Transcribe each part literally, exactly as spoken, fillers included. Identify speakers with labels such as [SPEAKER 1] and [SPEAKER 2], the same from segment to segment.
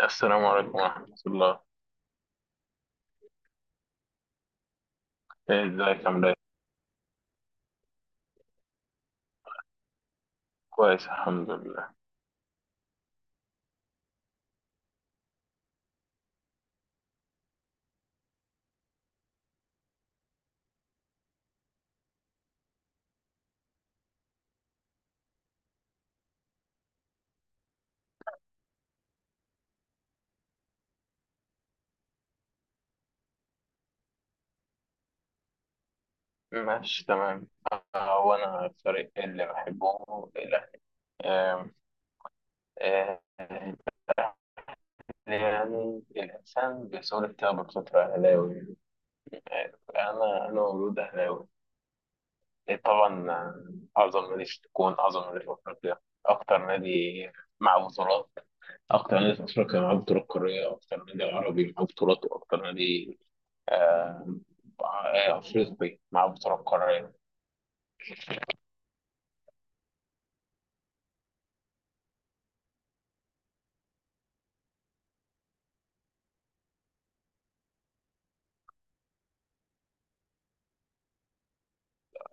[SPEAKER 1] السلام عليكم ورحمة الله. إيه، ازيك عامل ايه؟ كويس، الحمد لله. ماشي، تمام. هو أنا الفريق اللي بحبه الأهلي. آم، آه، الأهلي، يعني الإنسان بيصير كده بفترة أهلاوي. آه، أنا أنا مولود أهلاوي. إيه، طبعا، آه، أعظم نادي في تكون أعظم نادي في أفريقيا، أكتر نادي مع بطولات، أكتر نادي في أفريقيا مع بطولات قارية، أكتر نادي عربي مع بطولات، وأكتر نادي آه، آه، أفريقي مع بطولة قارية.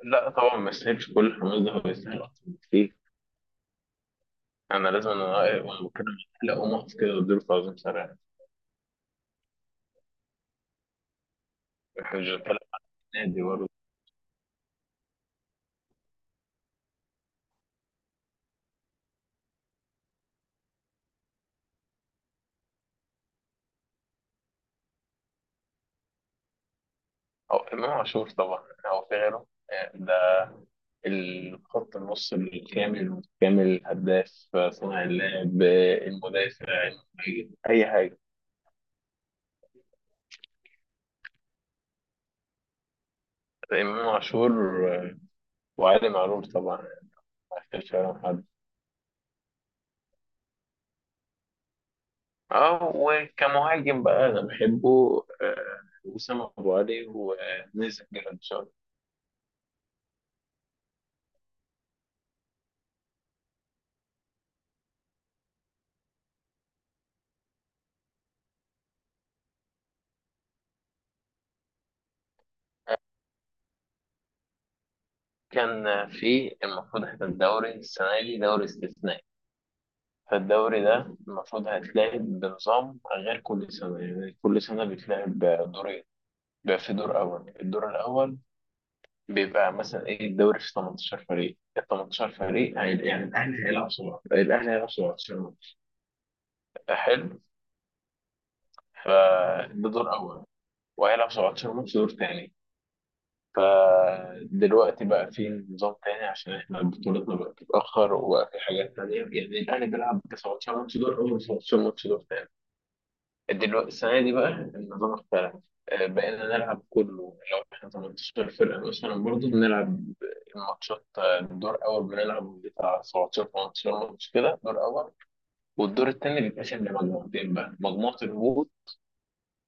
[SPEAKER 1] لا طبعا، ما يستاهلش كل الحماس ده، هو يستاهل أكتر بكتير. أنا لازم، أنا وأنا بتكلم عن الأهلي، أقوم أقف كده وأديله تعظيم سريع. إحنا مش بنتكلم عن نادي برضه. أو إمام عاشور طبعا، أو في غيره. آه، ده الخط، النص الكامل المتكامل، الهداف، صانع اللعب، المدافع، المهاجم، أي حاجة. إمام عاشور، آه، وعلي معلول طبعا، ما يختلفش عليهم حد. اه، وكمهاجم بقى انا بحبه، آه، وسام ابو علي ونزل جراديشار. كان في المفروض، احنا الدوري السنه دي دوري استثنائي، فالدوري ده المفروض هيتلعب بنظام غير كل سنه. يعني كل سنه بيتلعب بدورين، بيبقى في دور اول. الدور الاول بيبقى مثلا ايه، الدوري فيه ثمانية عشر فريق، ال ثمانية عشر فريق هي- يعني الاهلي هيلعب سبعتاشر الاهلي هيلعب سبعتاشر ماتش. حلو، فده دور اول، وهيلعب سبعة عشر ماتش دور تاني. فدلوقتي بقى في نظام تاني، عشان احنا بطولتنا بقت تتأخر وبقى في حاجات تانية، يعني الأهلي بيلعب تسعتاشر ماتش دور أول، تسعتاشر ماتش دور تاني. دلوقتي السنة دي بقى النظام اختلف، آه، بقينا نلعب كله، لو احنا تمنتاشر فرقة مثلا برضه بنلعب الماتشات. آه، دور أول بنلعب بتاع سبعتاشر، تمنتاشر ماتش كده دور أول. والدور التاني بيتقسم لمجموعتين بقى، مجموعة الهبوط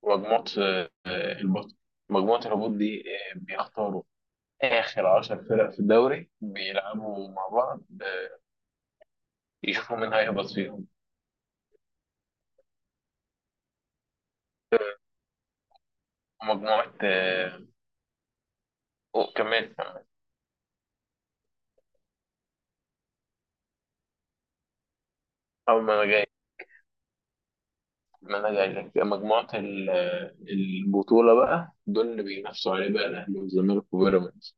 [SPEAKER 1] ومجموعة آه، البطل. مجموعة الهبوط دي آه، بيختاروا آخر عشر فرق في الدوري، بيلعبوا مع بعض، آه، يشوفوا مين هيهبط فيهم. مجموعة، آه، أو كمان كمان. أول ما أنا جاي ما أنا جاي لك مجموعة ال- آه، البطولة بقى، دول اللي بينافسوا عليه بقى الأهلي والزمالك وبيراميدز،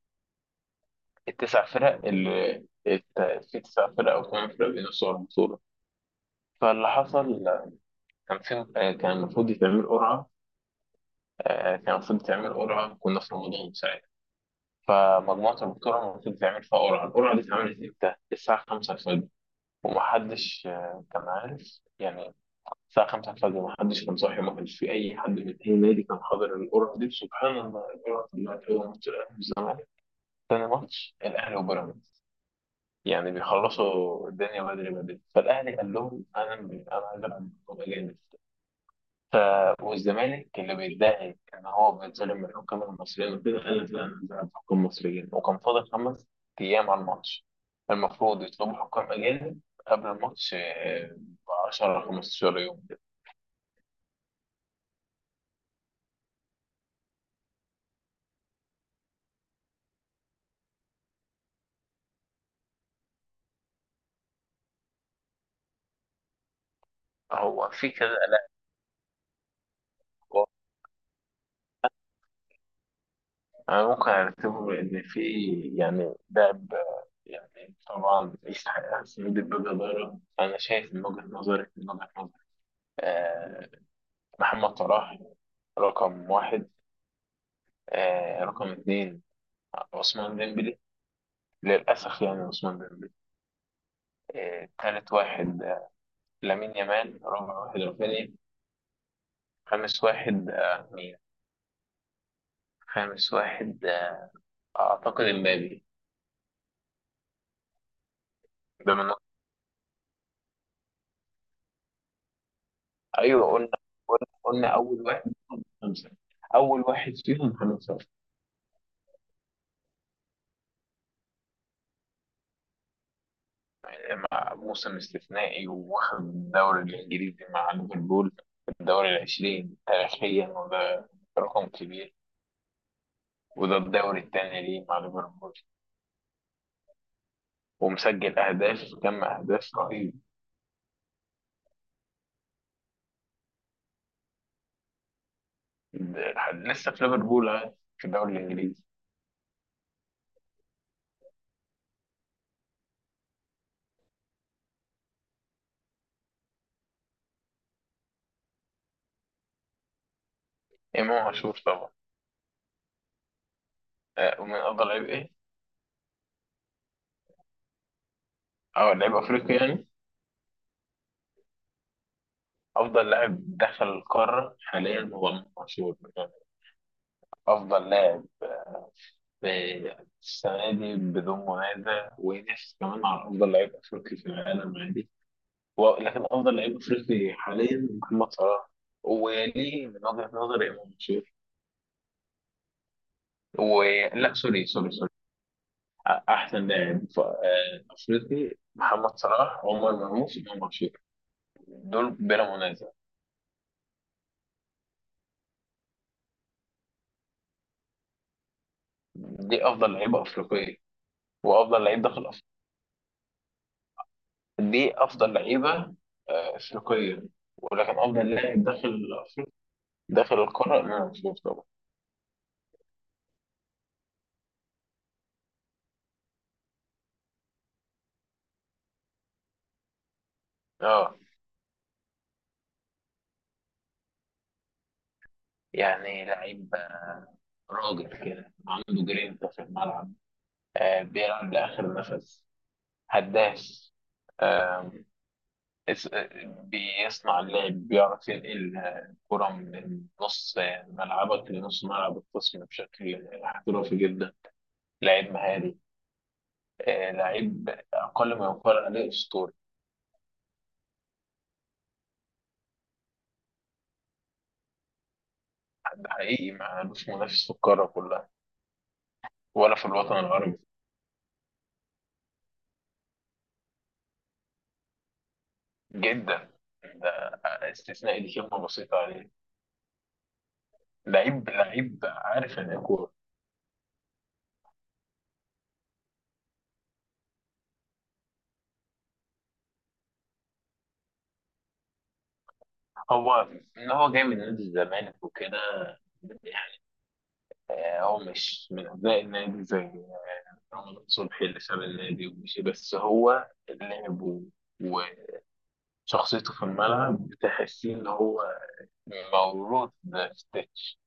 [SPEAKER 1] التسع فرق اللي الت- في تسع فرق أو ثمان فرق بينافسوا على البطولة. فاللي حصل، كان في آه، كان المفروض يتعمل قرعة، آه، كان المفروض يتعمل قرعة، كنا في رمضان ساعتها. فمجموعة الدكتورة المفروض تعمل فيها قرعة، القرعة دي اتعملت امتى؟ الساعة خمسة الفجر. ومحدش آه، كان عارف يعني، الساعة الخامسة الفجر محدش كان صاحي، وما كانش في أي حد من أي نادي كان حاضر القرعة دي. سبحان الله، القرعة طلعت أول ماتش الأهلي والزمالك، تاني ماتش الأهلي وبيراميدز. يعني بيخلصوا الدنيا بدري بدري. فالأهلي قال لهم، أنا أنا عايز ألعب بطولة جامد. ف... والزمالك اللي بيدعي ان هو بيتظلم من الحكام المصريين وكده قال لك، لا، انا بلعب حكام مصريين، وكان فاضل خمس ايام على الماتش. المفروض يطلبوا حكام اجانب قبل الماتش ب عشر، خمستاشر يوم كده. هو في كذا، لا. انا ممكن ارتبه، ان في يعني لاعب، آه، يعني طبعا يستحق احسن من البيبي ضايره، انا شايف من وجهه نظري، من وجهه نظري. آه محمد صلاح رقم واحد، آه رقم اتنين عثمان ديمبلي، للأسف، يعني عثمان ديمبلي، آه، تالت واحد آه، لامين يامال، رابع واحد رافينيا، خامس واحد آه، مين؟ خامس واحد، آه، أعتقد إمبابي. ده من أيوه، قلنا. قلنا قلنا أول واحد فيهم خمسة، أول واحد فيهم خمسة. آه، مع موسم استثنائي، واخد الدوري الإنجليزي مع ليفربول، الدوري العشرين تاريخيا، وده رقم كبير. وده الدوري الثاني ليه مع ليفربول، ومسجل أهداف، كم أهداف رهيب. لسه في ليفربول، آه، في الدوري الانجليزي. امام عاشور طبعا، آه، ومن افضل لعيب ايه، او لعيب افريقي يعني. افضل لاعب دخل القاره حاليا هو امام عاشور يعني، افضل لاعب، آه، السنه دي بدون منازع، وينافس كمان على افضل لعيب افريقي في العالم عادي. و- لكن افضل لعيب افريقي حاليا محمد صلاح، وليه من وجهه نظري امام عاشور. ولا سوري سوري سوري، احسن لاعب ف- آه، افريقي، محمد صلاح، عمر مرموش، امام عاشور. دول بلا منازع. دي افضل لعيبه افريقيه، وافضل لعيب داخل افريقيا، دي افضل لعيبه آه، افريقيه، ولكن افضل لاعب داخل افريقيا، داخل القاره، امام عاشور طبعا. اه، يعني لعيب، راجل كده عنده جرينتا في الملعب، آه بيلعب لاخر نفس، هداف، اس- بيصنع اللعب، بيعرف ينقل الكرة من نص ملعبك لنص ملعب الخصم بشكل احترافي جدا. لعيب مهاري، آه، لعيب أقل ما يقال عليه أسطوري. حد حقيقي، معلوش منافس في القارة كلها، ولا في الوطن العربي. جدا، ده استثنائي، دي كلمة بسيطة عليه. لعيب، لعيب عارف إن الكورة. هو إن هو جاي من نادي الزمالك وكده، آه، هو مش من أبناء النادي زي رمضان صبحي اللي ساب النادي ومشي، بس هو اللعب و- وشخصيته في الملعب بتحسيه ان هو مولود ده في ستيتش.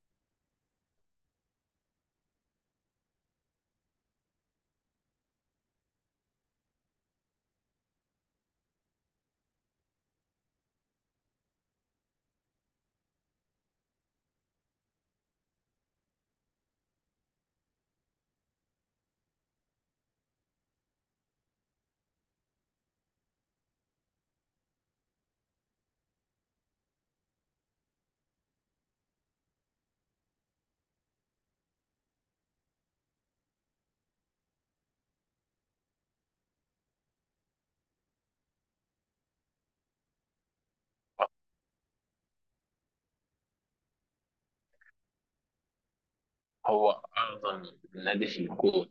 [SPEAKER 1] هو اعظم نادي في الكون،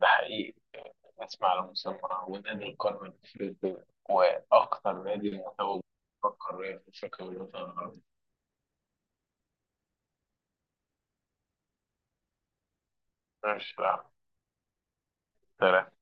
[SPEAKER 1] ده حقيقي، اسمع على مسمى، ونادي القرن الافريقي، واكثر نادي متوج في القاريه، في افريقيا والوطن العربي. مش عارف.